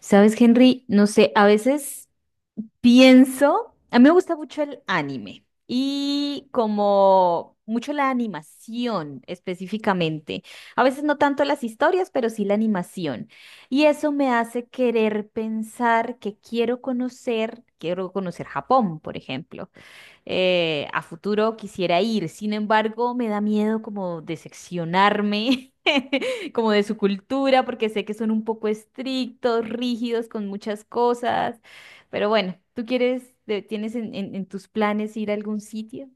Sabes, Henry, no sé, a veces pienso, a mí me gusta mucho el anime y como mucho la animación específicamente. A veces no tanto las historias, pero sí la animación. Y eso me hace querer pensar que quiero conocer Japón, por ejemplo, a futuro quisiera ir. Sin embargo, me da miedo como decepcionarme, como de su cultura, porque sé que son un poco estrictos, rígidos con muchas cosas. Pero bueno, ¿tú quieres, tienes en tus planes ir a algún sitio?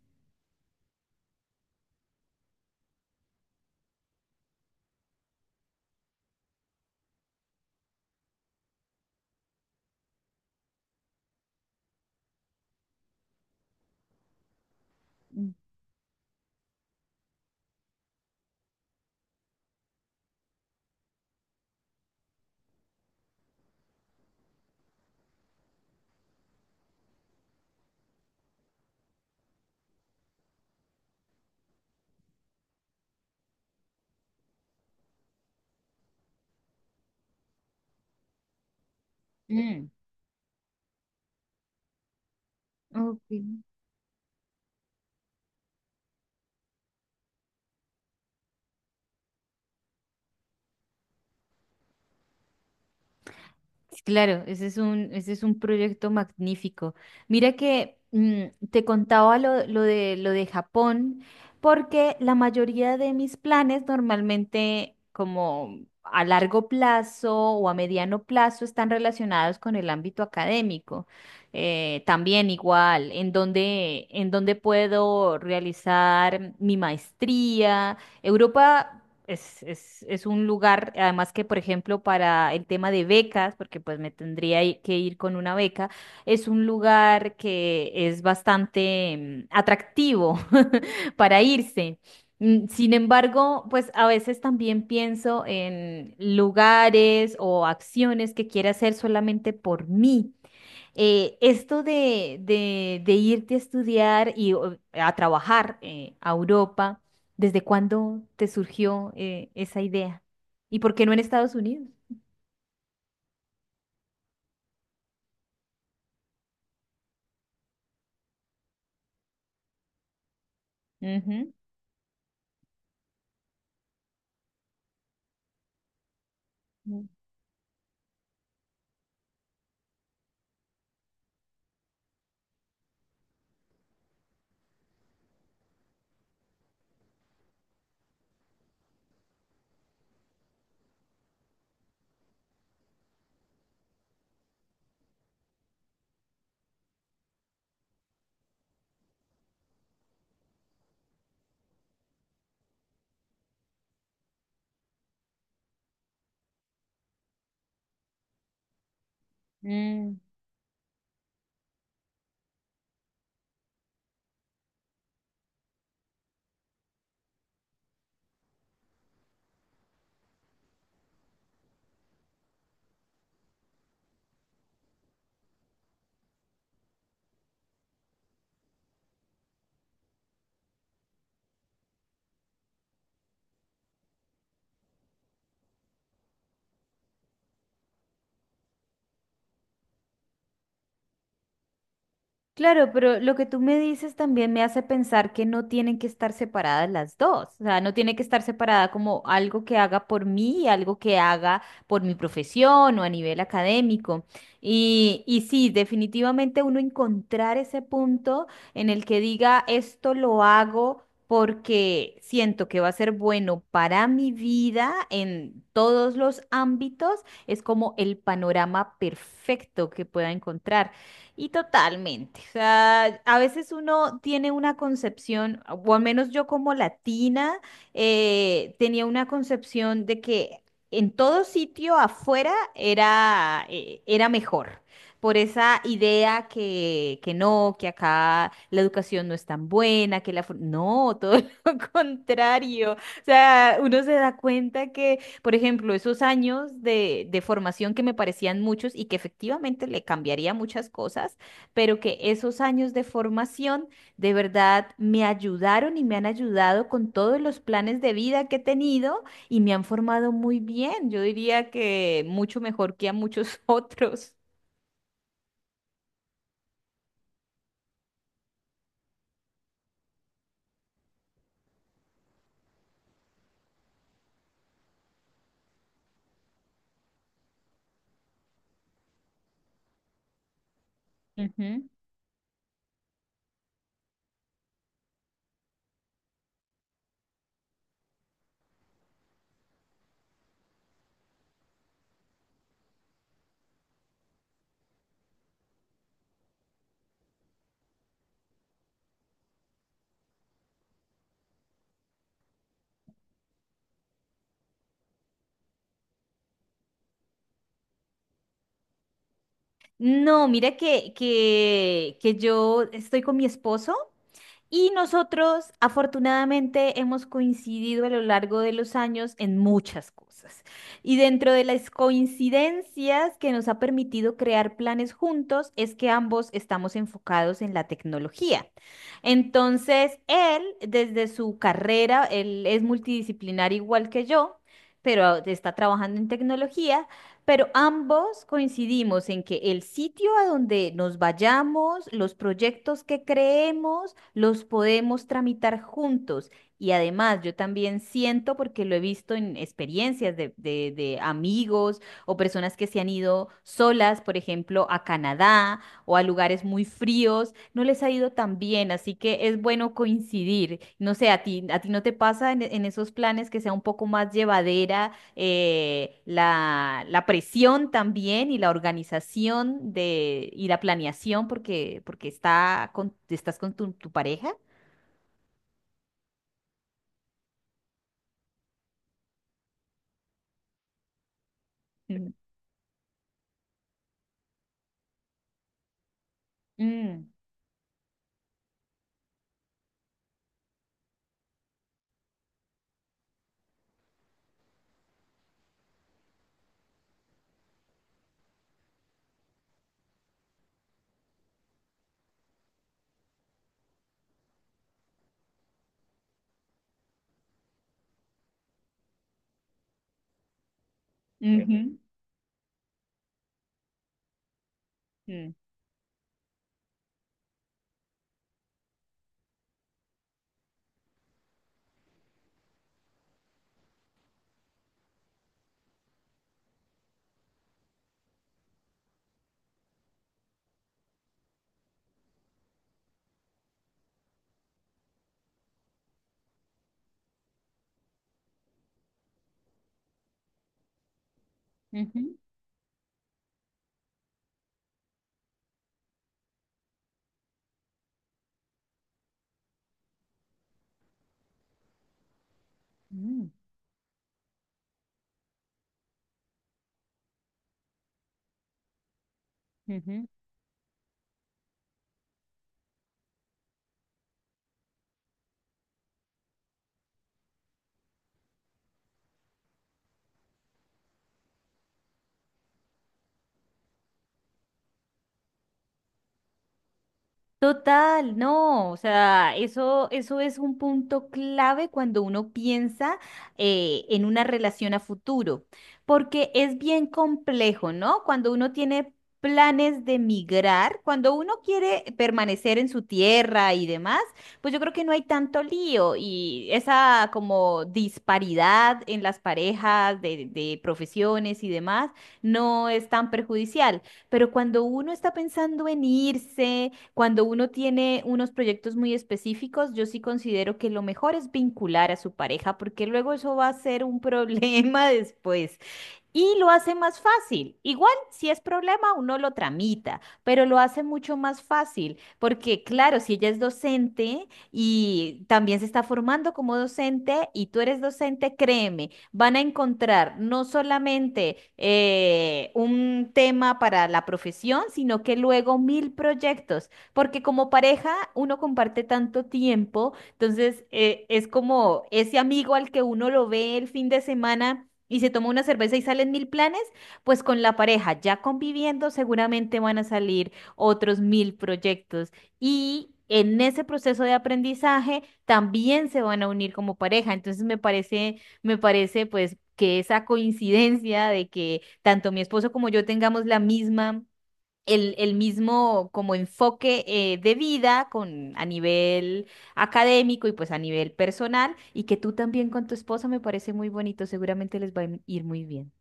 Mm, ok. Sí, claro, ese es un proyecto magnífico. Mira que te contaba lo de Japón, porque la mayoría de mis planes normalmente como a largo plazo o a mediano plazo están relacionados con el ámbito académico. También igual, en donde puedo realizar mi maestría. Europa es un lugar, además que, por ejemplo, para el tema de becas, porque pues me tendría que ir con una beca, es un lugar que es bastante atractivo para irse. Sin embargo, pues a veces también pienso en lugares o acciones que quiera hacer solamente por mí, esto de irte a estudiar y o, a trabajar, a Europa, ¿desde cuándo te surgió esa idea? ¿Y por qué no en Estados Unidos? Ujú. Mm. Claro, pero lo que tú me dices también me hace pensar que no tienen que estar separadas las dos. O sea, no tiene que estar separada como algo que haga por mí y algo que haga por mi profesión o a nivel académico. Y sí, definitivamente uno encontrar ese punto en el que diga, esto lo hago porque siento que va a ser bueno para mi vida en todos los ámbitos, es como el panorama perfecto que pueda encontrar. Y totalmente. O sea, a veces uno tiene una concepción, o al menos yo como latina, tenía una concepción de que en todo sitio afuera era, era mejor. Por esa idea que no, que acá la educación no es tan buena, que la... No, todo lo contrario. O sea, uno se da cuenta que, por ejemplo, esos años de formación que me parecían muchos y que efectivamente le cambiaría muchas cosas, pero que esos años de formación de verdad me ayudaron y me han ayudado con todos los planes de vida que he tenido y me han formado muy bien. Yo diría que mucho mejor que a muchos otros. Ujú. No, mira que yo estoy con mi esposo. Y nosotros, afortunadamente, hemos coincidido a lo largo de los años en muchas cosas. Y dentro de las coincidencias que nos ha permitido crear planes juntos es que ambos estamos enfocados en la tecnología. Entonces, él, desde su carrera, él es multidisciplinar igual que yo, pero está trabajando en tecnología. Pero ambos coincidimos en que el sitio a donde nos vayamos, los proyectos que creemos, los podemos tramitar juntos. Y además, yo también siento, porque lo he visto en experiencias de amigos o personas que se han ido solas, por ejemplo, a Canadá o a lugares muy fríos, no les ha ido tan bien, así que es bueno coincidir. No sé, a ti no te pasa en esos planes que sea un poco más llevadera, la presión también y la organización y la planeación porque, estás con tu pareja. Mm. Mm, ujú, mm, ujú, mm, ujú. Total, no, o sea, eso es un punto clave cuando uno piensa, en una relación a futuro, porque es bien complejo, ¿no? Cuando uno tiene planes de migrar, cuando uno quiere permanecer en su tierra y demás, pues yo creo que no hay tanto lío y esa como disparidad en las parejas de profesiones y demás no es tan perjudicial, pero cuando uno está pensando en irse, cuando uno tiene unos proyectos muy específicos, yo sí considero que lo mejor es vincular a su pareja, porque luego eso va a ser un problema después y lo hace más fácil. Igual, si es problema, uno lo tramita, pero lo hace mucho más fácil, porque claro, si ella es docente y también se está formando como docente y tú eres docente, créeme, van a encontrar no solamente un tema para la profesión, sino que luego mil proyectos, porque como pareja uno comparte tanto tiempo, entonces, es como ese amigo al que uno lo ve el fin de semana y se toma una cerveza y salen mil planes, pues con la pareja, ya conviviendo, seguramente van a salir otros mil proyectos. Y en ese proceso de aprendizaje también se van a unir como pareja. Entonces me parece pues que esa coincidencia de que tanto mi esposo como yo tengamos la misma, el mismo como enfoque de vida con, a nivel académico y pues a nivel personal y que tú también con tu esposa me parece muy bonito, seguramente les va a ir muy bien.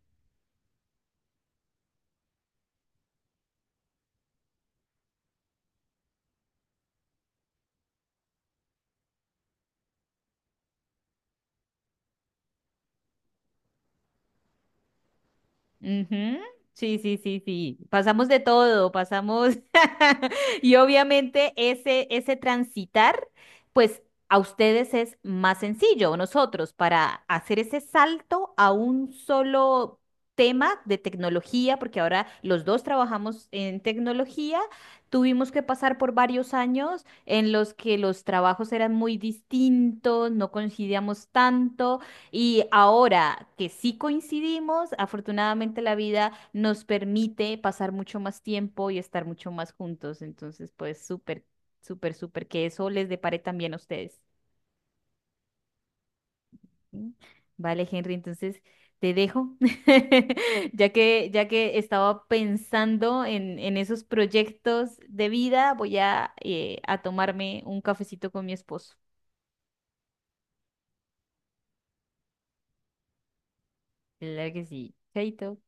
Ujú. Sí, sí, sí, sí. Pasamos de todo, pasamos. Y obviamente ese transitar, pues a ustedes es más sencillo, nosotros, para hacer ese salto a un solo tema de tecnología, porque ahora los dos trabajamos en tecnología, tuvimos que pasar por varios años en los que los trabajos eran muy distintos, no coincidíamos tanto. Y ahora que sí coincidimos, afortunadamente la vida nos permite pasar mucho más tiempo y estar mucho más juntos. Entonces, pues súper, súper, súper que eso les depare también a ustedes. ¿Sí? Vale, Henry, entonces te dejo, ya que estaba pensando en esos proyectos de vida, voy a tomarme un cafecito con mi esposo. Claro que sí. Chaito.